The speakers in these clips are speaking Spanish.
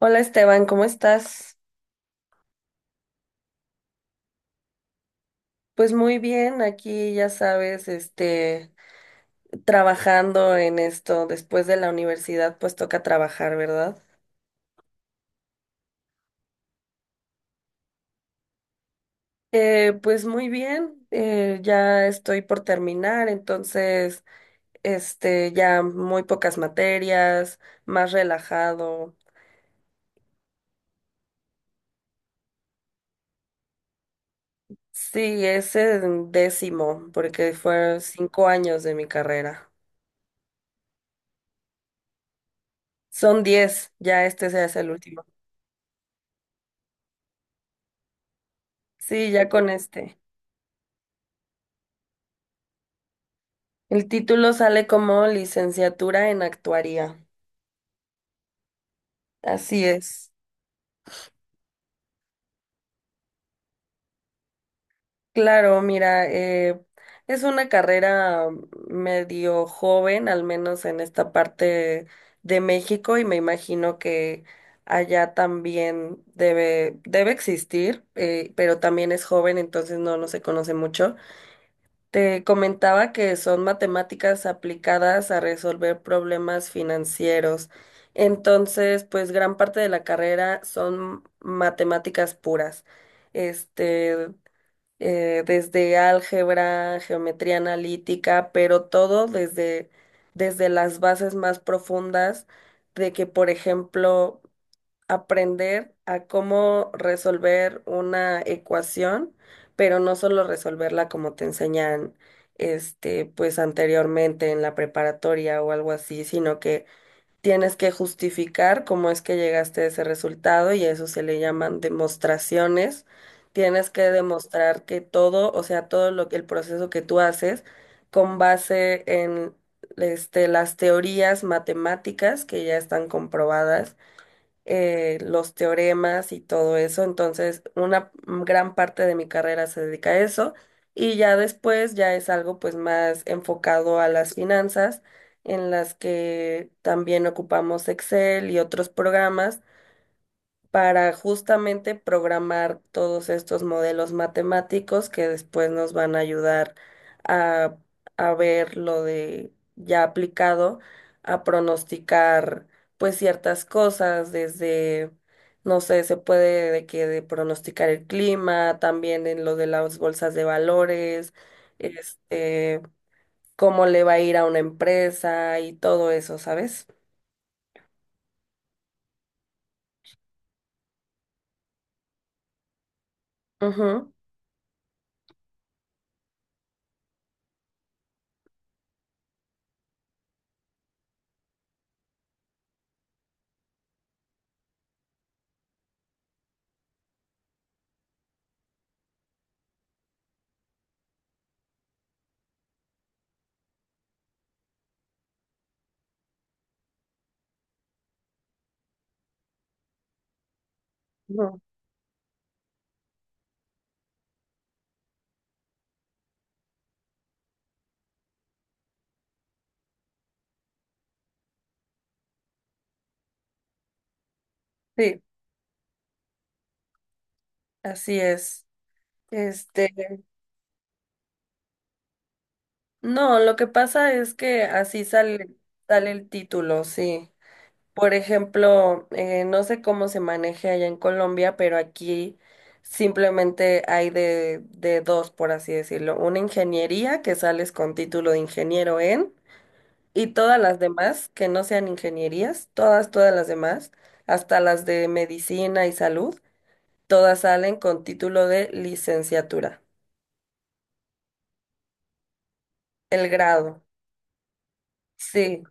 Hola, Esteban, ¿cómo estás? Pues muy bien, aquí ya sabes, trabajando en esto después de la universidad, pues toca trabajar, ¿verdad? Pues muy bien, ya estoy por terminar, entonces, ya muy pocas materias, más relajado. Sí, es el 10.º, porque fueron 5 años de mi carrera. Son 10, ya este se hace el último. Sí, ya con este. El título sale como licenciatura en actuaría. Así es. Claro, mira, es una carrera medio joven, al menos en esta parte de México, y me imagino que allá también debe existir, pero también es joven, entonces no, no se conoce mucho. Te comentaba que son matemáticas aplicadas a resolver problemas financieros. Entonces, pues gran parte de la carrera son matemáticas puras. Este, desde álgebra, geometría analítica, pero todo desde las bases más profundas de que, por ejemplo, aprender a cómo resolver una ecuación, pero no solo resolverla como te enseñan, pues anteriormente en la preparatoria o algo así, sino que tienes que justificar cómo es que llegaste a ese resultado y a eso se le llaman demostraciones. Tienes que demostrar que todo, o sea, todo lo que el proceso que tú haces con base en las teorías matemáticas que ya están comprobadas, los teoremas y todo eso. Entonces, una gran parte de mi carrera se dedica a eso, y ya después ya es algo pues más enfocado a las finanzas, en las que también ocupamos Excel y otros programas para justamente programar todos estos modelos matemáticos que después nos van a ayudar a, a ver lo de ya aplicado, a pronosticar pues ciertas cosas desde, no sé, se puede de que de pronosticar el clima, también en lo de las bolsas de valores, este, cómo le va a ir a una empresa y todo eso, ¿sabes? Ujú. Ujú. Sí, así es. Este, No, lo que pasa es que así sale el título, sí. Por ejemplo, no sé cómo se maneje allá en Colombia, pero aquí simplemente hay de dos, por así decirlo. Una ingeniería que sales con título de ingeniero en, y todas las demás que no sean ingenierías, todas las demás, hasta las de medicina y salud, todas salen con título de licenciatura, el grado. Sí.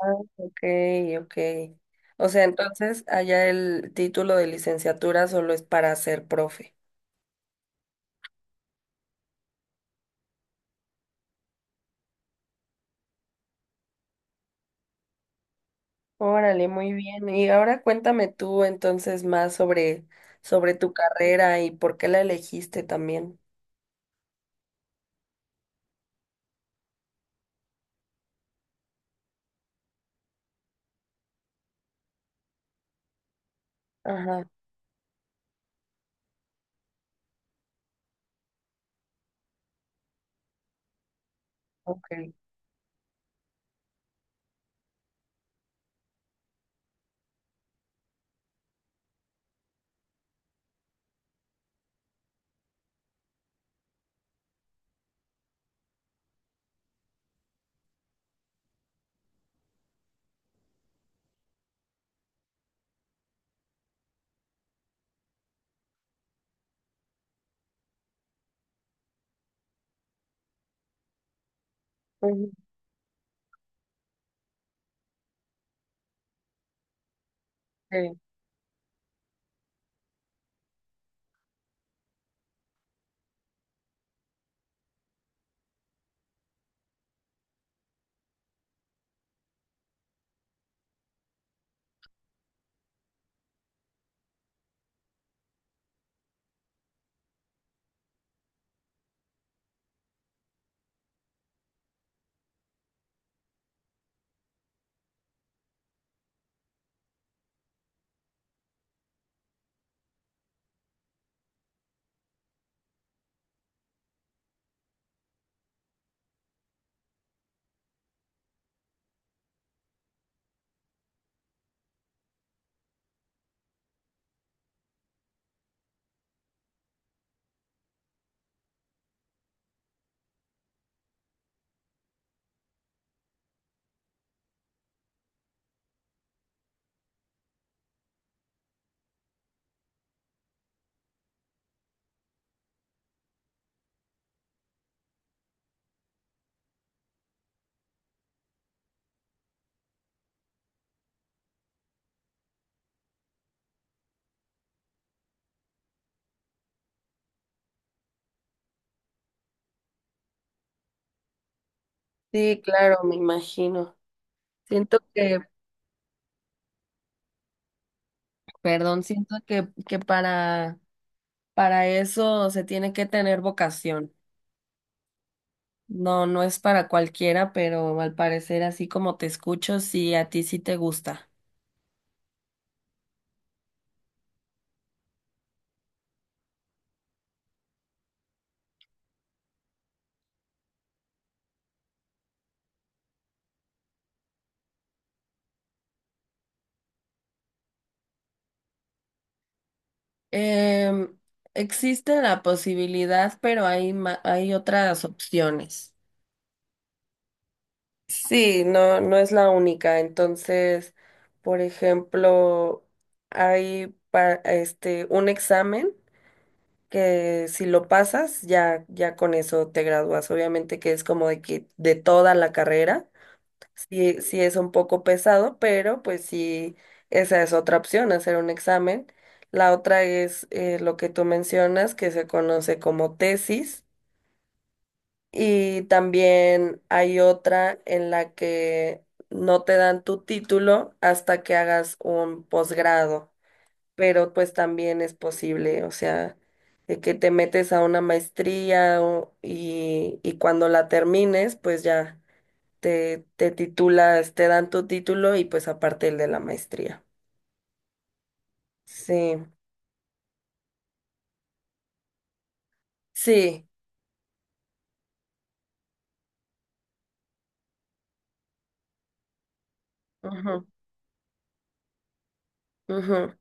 Ah, ok, ok. O sea, entonces allá el título de licenciatura solo es para ser profe. Órale, muy bien. Y ahora cuéntame tú entonces más sobre, sobre tu carrera y por qué la elegiste también. Ajá, ok. Ujú. Sí, sí, claro, me imagino. Siento que, perdón, siento que para eso se tiene que tener vocación. No, no es para cualquiera, pero al parecer, así como te escucho, sí, a ti sí te gusta. Em, existe la posibilidad, pero hay otras opciones. Sí, no, no es la única. Entonces, por ejemplo, hay un examen que si lo pasas, ya, ya con eso te gradúas. Obviamente que es como de que de toda la carrera. Sí, sí es un poco pesado, pero pues sí, esa es otra opción, hacer un examen. La otra es, lo que tú mencionas, que se conoce como tesis. Y también hay otra en la que no te dan tu título hasta que hagas un posgrado, pero pues también es posible, o sea, de que te metes a una maestría y cuando la termines, pues ya te titulas, te dan tu título y pues aparte el de la maestría. Sí, sí. Ujú, ujú.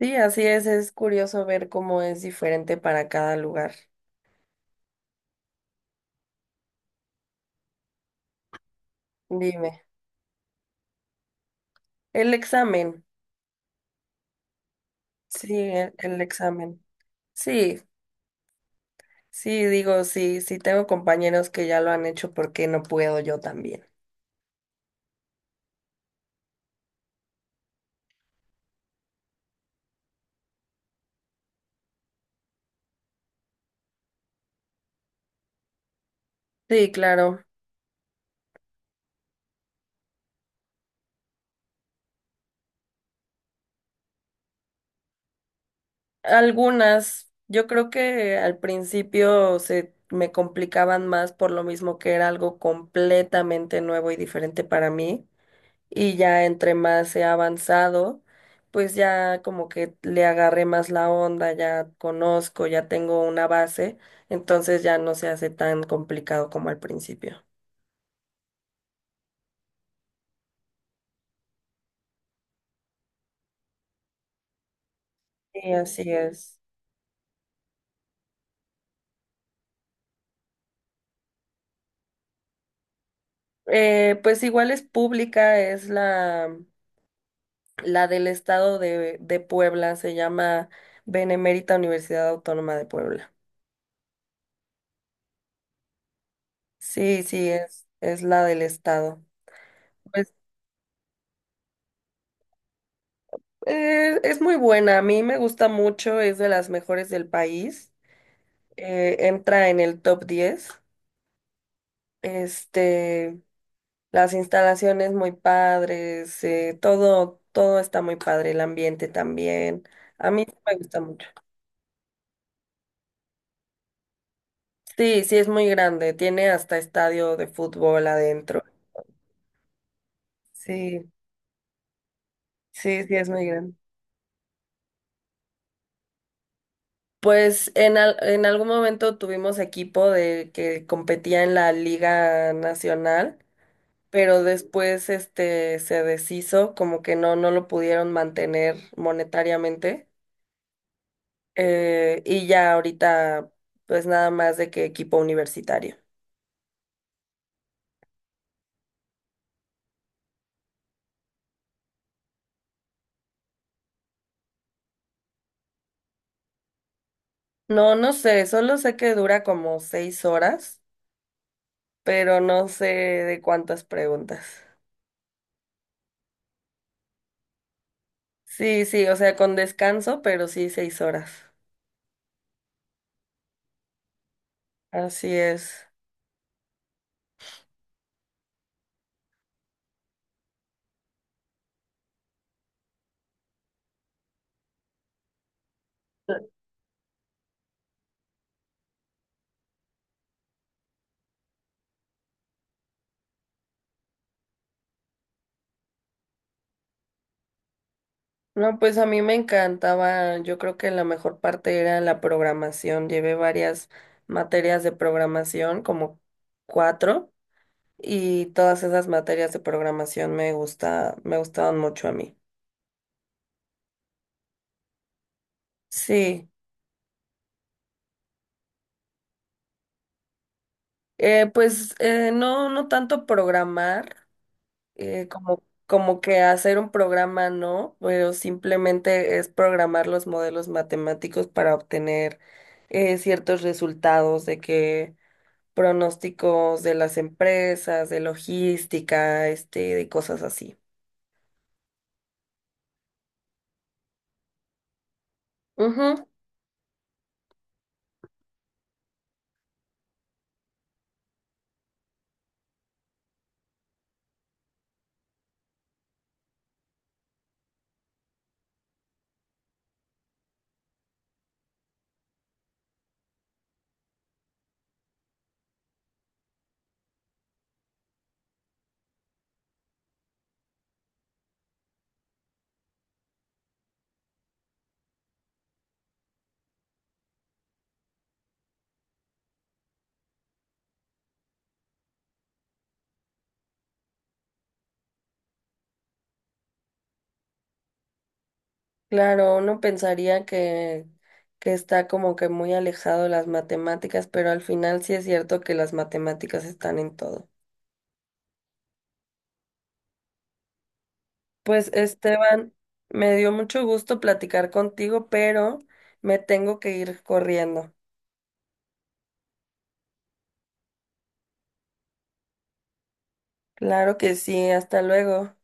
Sí, así es curioso ver cómo es diferente para cada lugar. Dime, el examen. Sí, el examen. Sí, sí, digo, sí, sí tengo compañeros que ya lo han hecho, porque no puedo yo también. Sí, claro. Algunas, yo creo que al principio se me complicaban más por lo mismo que era algo completamente nuevo y diferente para mí. Y ya entre más he avanzado, pues ya como que le agarré más la onda, ya conozco, ya tengo una base, entonces ya no se hace tan complicado como al principio. Sí, así es. Pues igual es pública, es la del estado de Puebla. Se llama Benemérita Universidad Autónoma de Puebla. Sí, sí, es la del estado. Pues es muy buena, a mí me gusta mucho, es de las mejores del país. Entra en el top 10. Este, las instalaciones muy padres, todo está muy padre, el ambiente también. A mí sí me gusta mucho. Sí, sí, es muy grande, tiene hasta estadio de fútbol adentro. Sí. Sí, sí, es muy grande. Pues en algún momento tuvimos equipo de que competía en la Liga Nacional, pero después este se deshizo, como que no, no lo pudieron mantener monetariamente. Y ya ahorita, pues nada más de que equipo universitario. No, no sé, solo sé que dura como 6 horas, pero no sé de cuántas preguntas. Sí, sí, o sea, con descanso, pero sí 6 horas. Así es. No, pues a mí me encantaba, yo creo que la mejor parte era la programación. Llevé varias materias de programación, como cuatro, y todas esas materias de programación me gusta, me gustaban mucho a mí. Sí, pues, no, no tanto programar, como que hacer un programa no, pero simplemente es programar los modelos matemáticos para obtener, ciertos resultados de que pronósticos de las empresas, de logística, de cosas así. Ujú. Claro, uno pensaría que está como que muy alejado de las matemáticas, pero al final sí es cierto que las matemáticas están en todo. Pues, Esteban, me dio mucho gusto platicar contigo, pero me tengo que ir corriendo. Claro que sí, hasta luego.